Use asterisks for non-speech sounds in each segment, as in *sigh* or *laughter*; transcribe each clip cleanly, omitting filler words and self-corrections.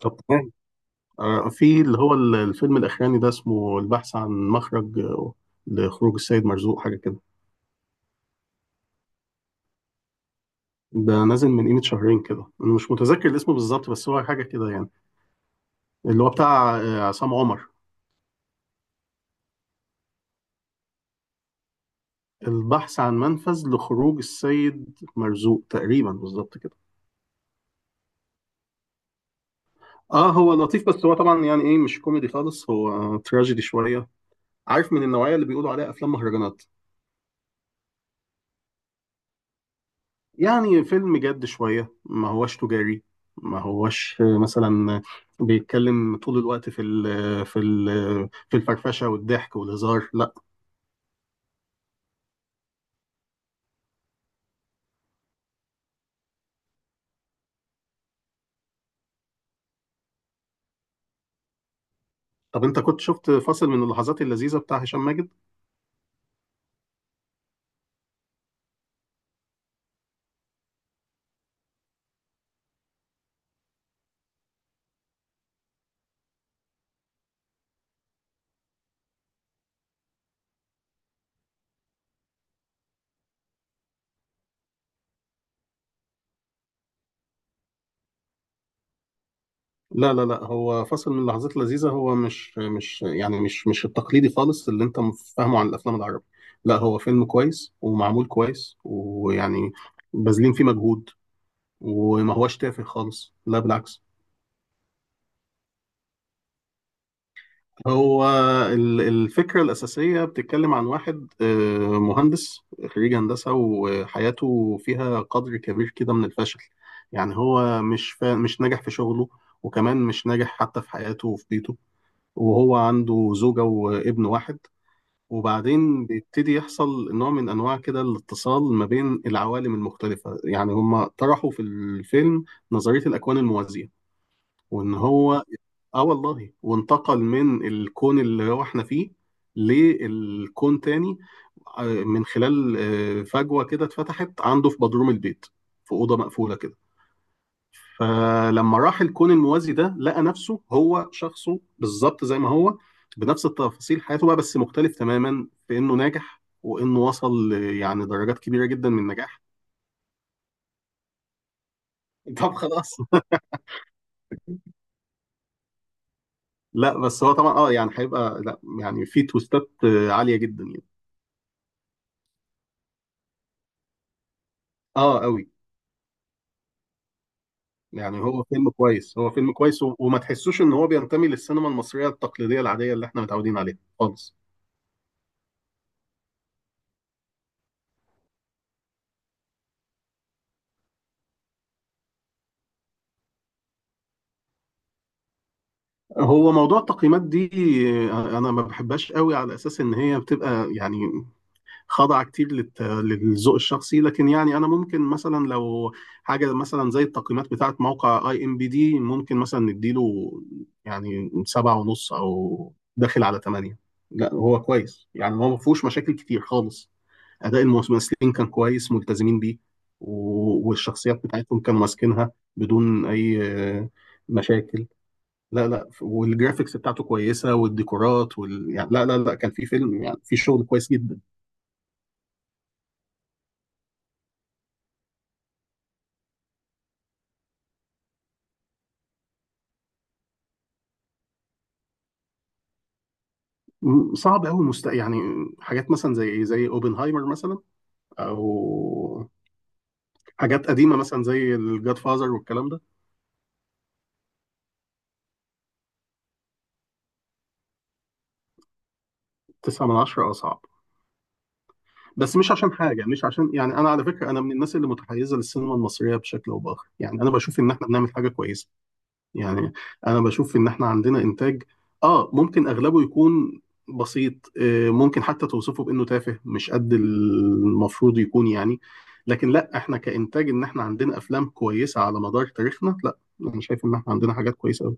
طب تمام. في اللي هو الفيلم الأخراني ده اسمه البحث عن مخرج لخروج السيد مرزوق، حاجة كده. ده نازل من قيمة شهرين كده، أنا مش متذكر الاسم بالظبط بس هو حاجة كده يعني، اللي هو بتاع عصام عمر. البحث عن منفذ لخروج السيد مرزوق، تقريبا بالظبط كده. اه، هو لطيف بس هو طبعا يعني ايه مش كوميدي خالص، هو تراجيدي شوية. عارف، من النوعية اللي بيقولوا عليها أفلام مهرجانات. يعني فيلم جد شوية، ما هوش تجاري، ما هوش مثلا بيتكلم طول الوقت في الفرفشة والضحك والهزار، لا. طب انت كنت شفت فاصل من اللحظات اللذيذة بتاع هشام ماجد؟ لا، لا، لا، هو فاصل من اللحظات اللذيذة، هو مش يعني مش التقليدي خالص اللي انت فاهمه عن الافلام العربية. لا، هو فيلم كويس ومعمول كويس، ويعني باذلين فيه مجهود، وما هوش تافه خالص، لا بالعكس. هو الفكرة الأساسية بتتكلم عن واحد مهندس، خريج هندسة، وحياته فيها قدر كبير كده من الفشل. يعني هو مش ناجح في شغله، وكمان مش ناجح حتى في حياته وفي بيته. وهو عنده زوجة وابن واحد. وبعدين بيبتدي يحصل نوع من أنواع كده الاتصال ما بين العوالم المختلفة، يعني هما طرحوا في الفيلم نظرية الأكوان الموازية. وإن هو، اه والله، وانتقل من الكون اللي هو احنا فيه للكون تاني، من خلال فجوة كده اتفتحت عنده في بدروم البيت، في أوضة مقفولة كده. فلما راح الكون الموازي ده لقى نفسه هو شخصه بالظبط زي ما هو، بنفس التفاصيل حياته بقى، بس مختلف تماما في إنه ناجح وإنه وصل يعني درجات كبيرة جدا من النجاح. *laughs* طب خلاص. لا بس هو طبعا، اه يعني هيبقى، لا يعني في توستات عالية جدا يعني. اه قوي. يعني هو فيلم كويس، هو فيلم كويس، و- وما تحسوش ان هو بينتمي للسينما المصرية التقليدية العادية اللي احنا متعودين عليها خالص. هو موضوع التقييمات دي، انا ما بحبهاش قوي على اساس ان هي بتبقى يعني خاضعة كتير للذوق الشخصي، لكن يعني انا ممكن مثلا لو حاجة مثلا زي التقييمات بتاعة موقع IMDb ممكن مثلا نديله يعني 7.5 او داخل على 8. لا، هو كويس، يعني هو ما فيهوش مشاكل كتير خالص. اداء الممثلين كان كويس، ملتزمين بيه. و- والشخصيات بتاعتهم كانوا ماسكينها بدون اي آه، مشاكل. لا، لا، والجرافيكس بتاعته كويسه والديكورات يعني، لا، لا، لا، كان في فيلم، يعني في شغل كويس جدا. صعب قوي، يعني، حاجات مثلا زي اوبنهايمر مثلا، او حاجات قديمه مثلا زي الجاد فازر والكلام ده. 9 من 10، اه صعب. بس مش عشان حاجه، مش عشان، يعني انا على فكره، انا من الناس اللي متحيزه للسينما المصريه بشكل او باخر، يعني انا بشوف ان احنا بنعمل حاجه كويسه. يعني انا بشوف ان احنا عندنا انتاج، اه ممكن اغلبه يكون بسيط، ممكن حتى توصفه بانه تافه مش قد المفروض يكون يعني. لكن لا، احنا كانتاج ان احنا عندنا افلام كويسه على مدار تاريخنا، لا انا شايف ان احنا عندنا حاجات كويسه قوي.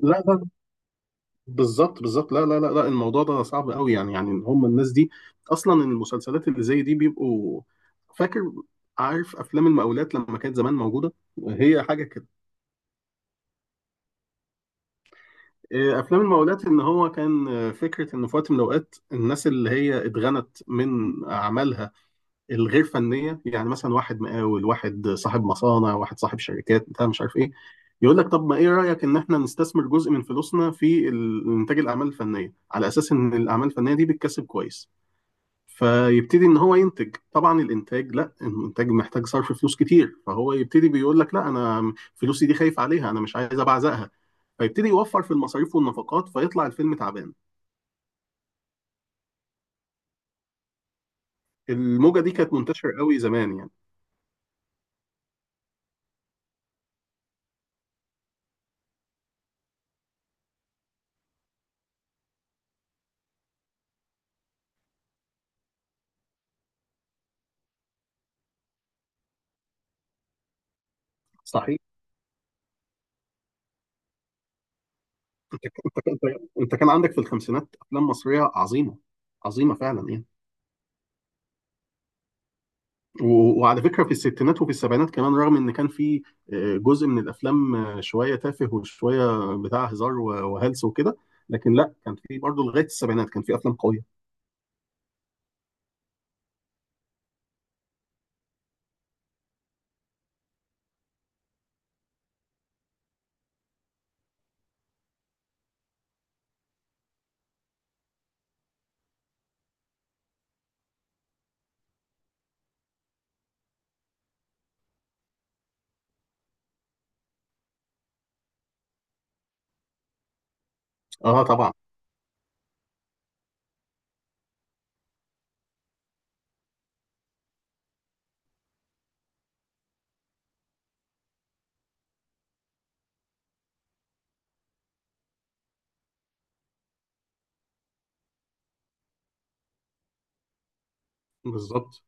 لا، لا، بالظبط، بالظبط، لا، لا، لا، لا، الموضوع ده صعب قوي يعني هم الناس دي اصلا. المسلسلات اللي زي دي بيبقوا، فاكر، عارف افلام المقاولات لما كانت زمان موجوده؟ هي حاجه. إيه، افلام المقاولات، ان هو كان فكره ان في وقت من الاوقات الناس اللي هي اتغنت من اعمالها الغير فنيه، يعني مثلا واحد مقاول، واحد صاحب مصانع، واحد صاحب شركات، بتاع مش عارف ايه، يقول لك طب ما ايه رايك ان احنا نستثمر جزء من فلوسنا في انتاج الاعمال الفنيه، على اساس ان الاعمال الفنيه دي بتكسب كويس. فيبتدي ان هو ينتج، طبعا الانتاج، لا الانتاج محتاج صرف فلوس كتير، فهو يبتدي بيقول لك لا، انا فلوسي دي خايف عليها، انا مش عايز ابعزقها. فيبتدي يوفر في المصاريف والنفقات، فيطلع الفيلم تعبان. الموجه دي كانت منتشره قوي زمان يعني. صحيح. انت كان عندك في الخمسينات افلام مصريه عظيمه، عظيمه فعلا يعني. و- وعلى فكرة في الستينات وفي السبعينات كمان، رغم إن كان في جزء من الأفلام شوية تافه وشوية بتاع هزار و- وهلس وكده. لكن لا، كان في برضه لغاية السبعينات كان في أفلام قوية. اه طبعا. بالظبط.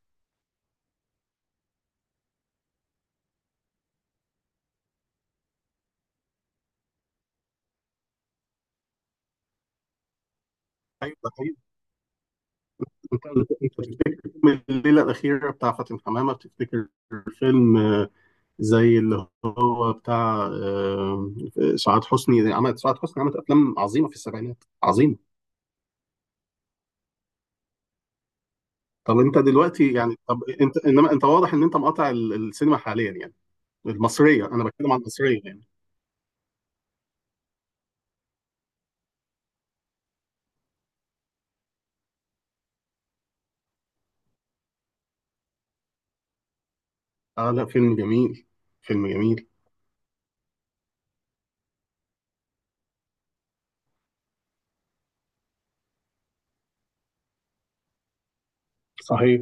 ايوه، ده حقيقي. انت بتفتكر فيلم الليله الاخيره بتاع فاتن حمامه؟ بتفتكر فيلم زي اللي هو بتاع سعاد حسني عملت افلام عظيمه في السبعينات، عظيمه. طب انت انما انت واضح ان انت مقاطع السينما حاليا يعني. المصرية، أنا بتكلم عن المصرية يعني. آه، لا، فيلم جميل. فيلم جميل. صحيح.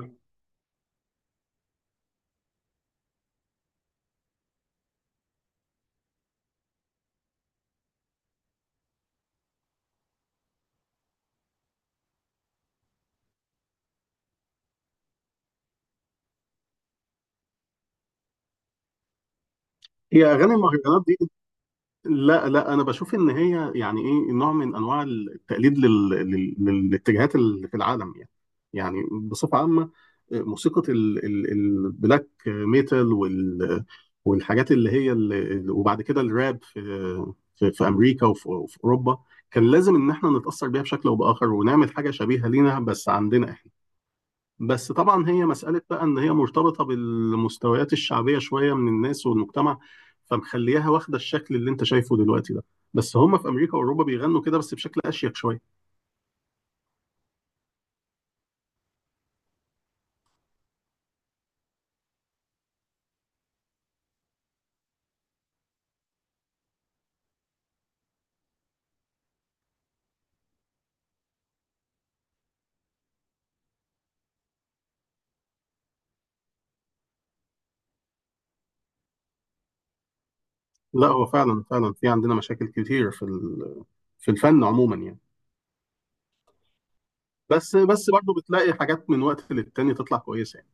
هي أغاني المهرجانات دي، لا، لا، أنا بشوف إن هي يعني إيه نوع من أنواع التقليد للاتجاهات اللي في العالم يعني. يعني بصفة عامة، موسيقى البلاك ميتال، والحاجات اللي هي وبعد كده الراب في، في أمريكا وفي أوروبا، كان لازم إن إحنا نتأثر بيها بشكل أو بآخر ونعمل حاجة شبيهة لينا بس عندنا إحنا. بس طبعا هي مسألة بقى إن هي مرتبطة بالمستويات الشعبية شوية من الناس والمجتمع، فمخليها واخدة الشكل اللي أنت شايفه دلوقتي ده. بس هم في أمريكا وأوروبا بيغنوا كده، بس بشكل أشيك شوية. لا، هو فعلا فعلا في عندنا مشاكل كتير في الفن عموما يعني. بس برضه بتلاقي حاجات من وقت للتاني تطلع كويسة يعني.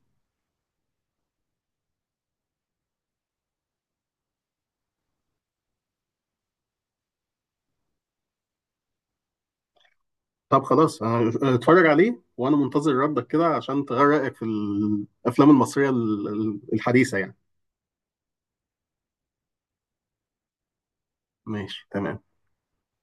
طب خلاص، أنا اتفرج عليه وأنا منتظر ردك كده عشان تغير رأيك في الأفلام المصرية الحديثة يعني. ماشي تمام.